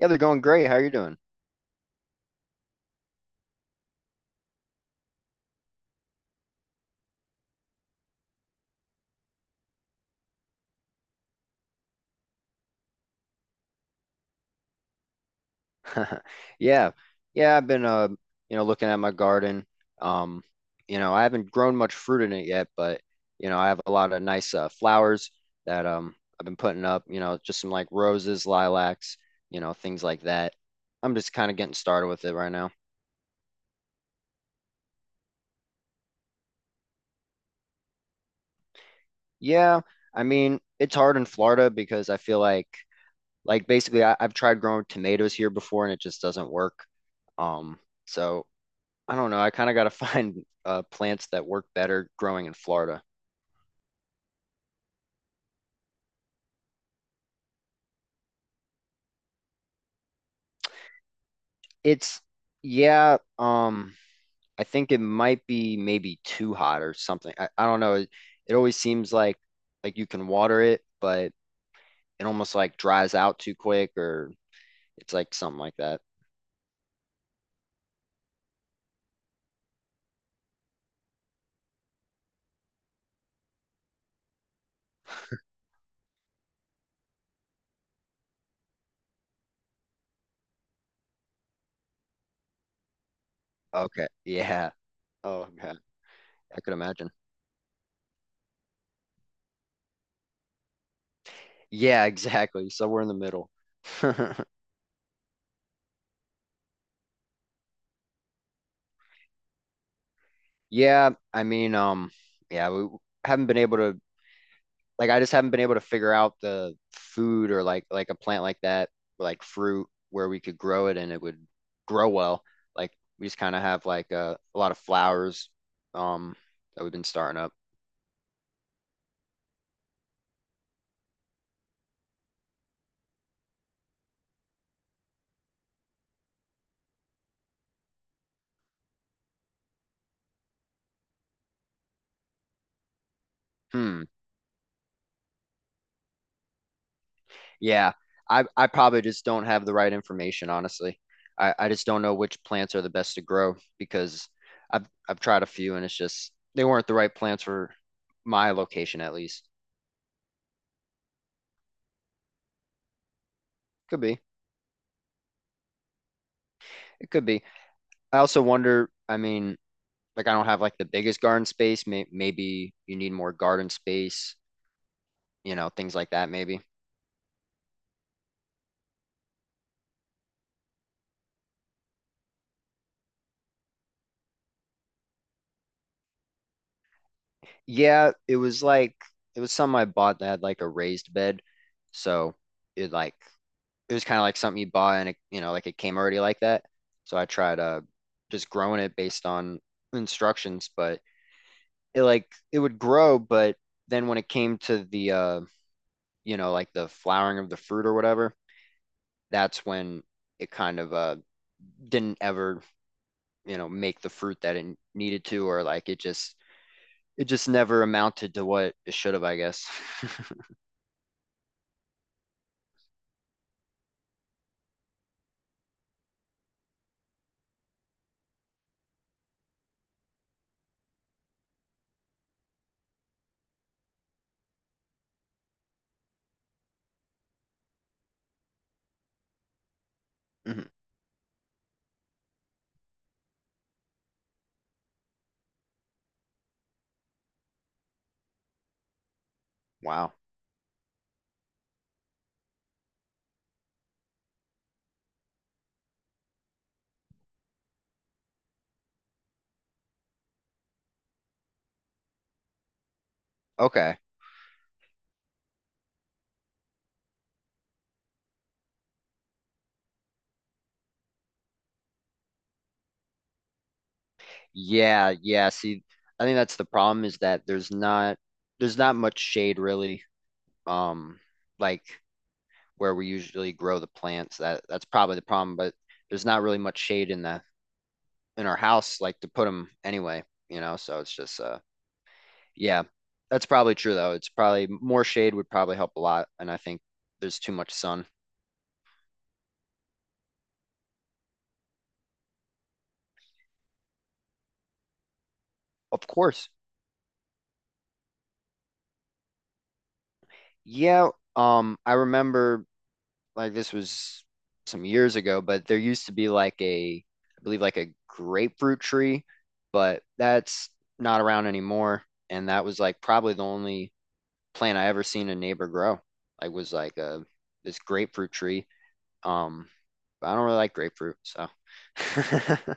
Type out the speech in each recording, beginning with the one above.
Yeah, they're going great. How are you doing? Yeah. Yeah, I've been looking at my garden. Um, I haven't grown much fruit in it yet, but I have a lot of nice flowers that I've been putting up, just some like roses, lilacs, things like that. I'm just kind of getting started with it right now. Yeah, I mean, it's hard in Florida because I feel like basically I've tried growing tomatoes here before and it just doesn't work. Um, so I don't know. I kind of got to find plants that work better growing in Florida. It's yeah. I think it might be maybe too hot or something. I don't know. It always seems like you can water it, but it almost like dries out too quick, or it's like something like that. Okay. Yeah. Oh God. I could imagine. Yeah. Exactly. So we're in the middle. Yeah. I mean, yeah. We haven't been able to like I just haven't been able to figure out the food or like a plant like that, like fruit where we could grow it and it would grow well. Like we just kind of have like a lot of flowers um that we've been starting up. Hmm. Yeah. I probably just don't have the right information, honestly. I just don't know which plants are the best to grow because I've tried a few and it's just they weren't the right plants for my location at least. Could be. It could be. I also wonder, I mean, like I don't have like the biggest garden space. Maybe you need more garden space, things like that, maybe. Yeah, it was like it was something I bought that had like a raised bed. So it like it was kind of like something you buy and it, like it came already like that. So I tried just growing it based on instructions, but it like it would grow, but then when it came to the like the flowering of the fruit or whatever, that's when it kind of didn't ever make the fruit that it needed to or like it just never amounted to what it should have, I guess. Wow. Okay. Yeah, yeah, see, I think that's the problem is that there's not much shade really. um like where we usually grow the plants, that that's probably the problem, but there's not really much shade in the in our house like to put them anyway, so it's just yeah, that's probably true though. It's probably more shade would probably help a lot, and I think there's too much sun. Of course. Yeah, I remember like this was some years ago, but there used to be like I believe like a grapefruit tree, but that's not around anymore. And that was like probably the only plant I ever seen a neighbor grow. Like was like a This grapefruit tree. Um, but I don't really like grapefruit, so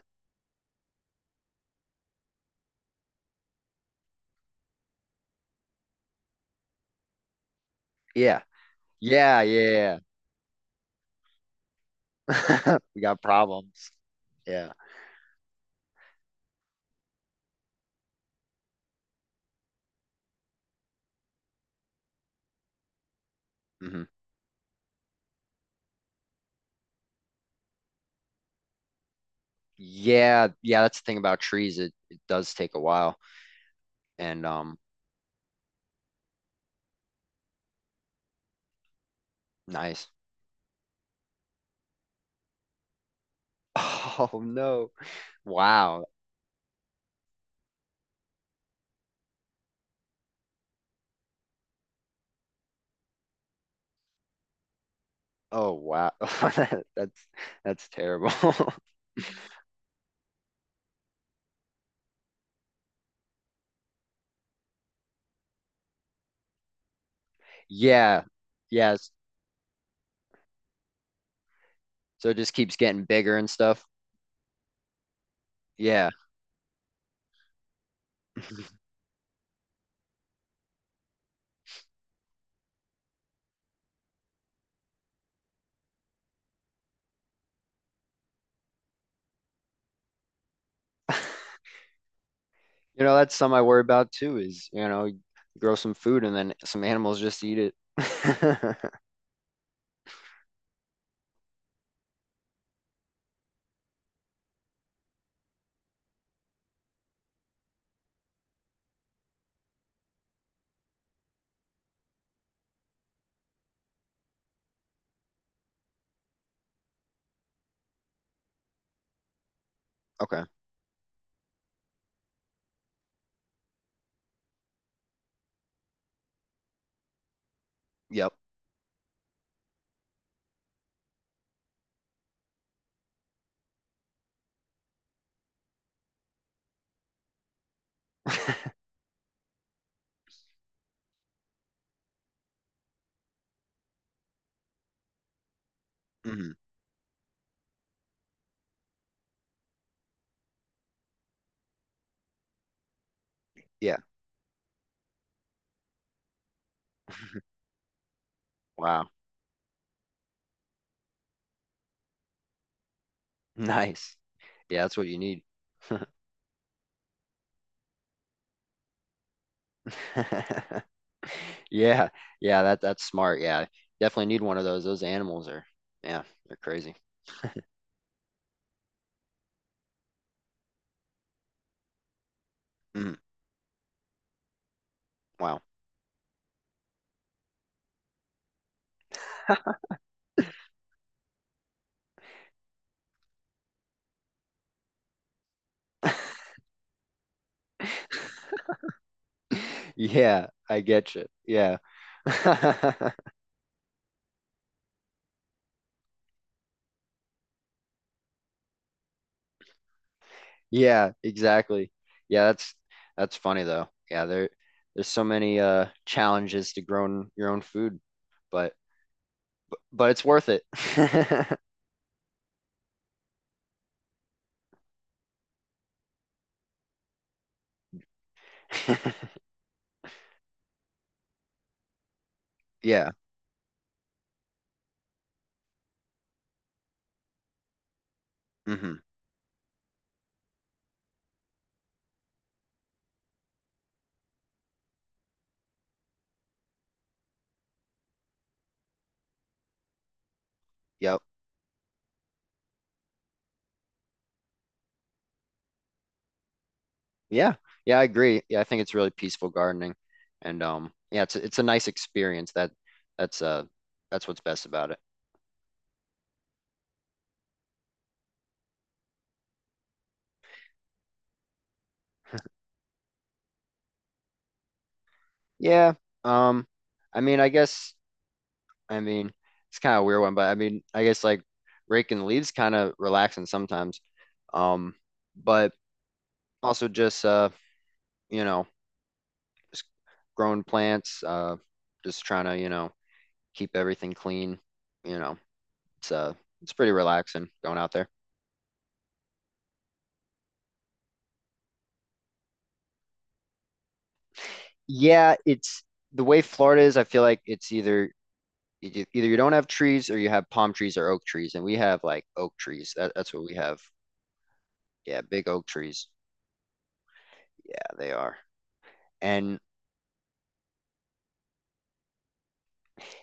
yeah, yeah, yeah, yeah. We got problems. Yeah. Hmm. Yeah, yeah, that's the thing about trees. It does take a while. And nice. Oh no. Wow. Oh wow. That's terrible. Yeah. Yes. So it just keeps getting bigger and stuff. Yeah. You know, that's something I worry about too is, you know, you grow some food and then some animals just eat it. Okay. Yep. Mhm. Yeah. Wow. Nice. Yeah, that's what you need. Yeah, yeah, that that's smart. Yeah, definitely need one of those. Those animals are, yeah, they're crazy. Mm, wow. Yeah, I get you. Yeah. Yeah, exactly. Yeah, that's funny though. Yeah, there there's so many challenges to growing your own food, but but it's worth it. Yeah. Hmm. Yep. Yeah, yeah, I agree. Yeah, I think it's really peaceful gardening, and yeah, it's a nice experience. That that's uh that's what's best about it. Yeah. Um, I mean, I guess I mean it's kind of a weird one, but I mean, I guess like raking the leaves kind of relaxing sometimes. Um, but also just you know, just growing plants. Just trying to keep everything clean. You know, it's uh it's pretty relaxing going out there. Yeah, it's the way Florida is. I feel like it's either either you don't have trees or you have palm trees or oak trees, and we have like oak trees. That's what we have. Yeah, big oak trees. Yeah, they are. And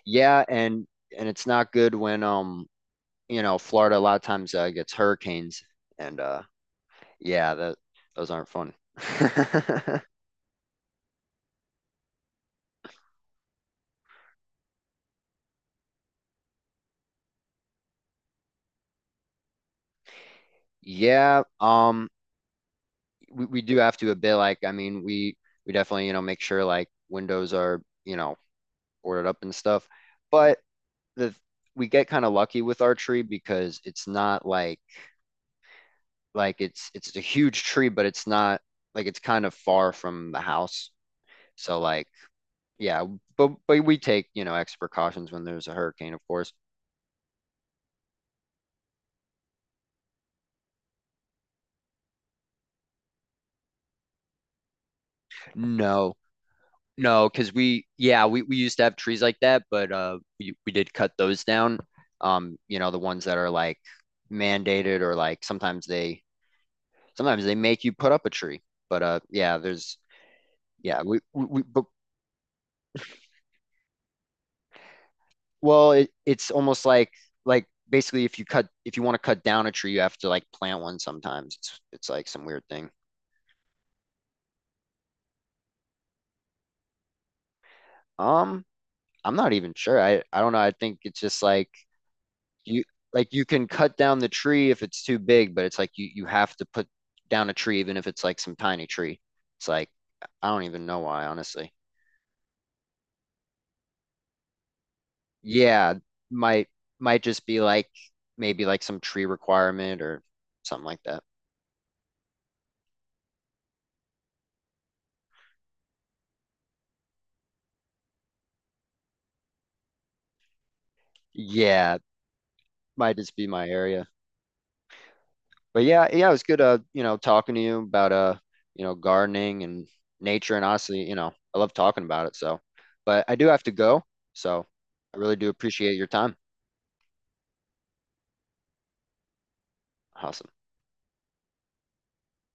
yeah, and it's not good when Florida a lot of times gets hurricanes, and yeah, that those aren't fun. Yeah, we do have to a bit like I mean we definitely make sure like windows are boarded up and stuff, but the we get kind of lucky with our tree because it's not like it's a huge tree, but it's not like it's kind of far from the house. So like yeah, but we take, you know, extra precautions when there's a hurricane, of course. No. No, because we yeah, we used to have trees like that, but we did cut those down. You know, the ones that are like mandated or like sometimes they make you put up a tree. But yeah, there's yeah, we but well, it, it's almost like basically if you cut if you want to cut down a tree, you have to like plant one sometimes. It's like some weird thing. Um, I'm not even sure. I don't know. I think it's just you like you can cut down the tree if it's too big, but it's like you have to put down a tree even if it's like some tiny tree. It's like I don't even know why, honestly. Yeah, might might just be like maybe like some tree requirement or something like that. Yeah, might just be my area. But yeah, yeah, it was good talking to you about you know, gardening and nature and honestly, you know, I love talking about it. So, but I do have to go. So I really do appreciate your time. Awesome.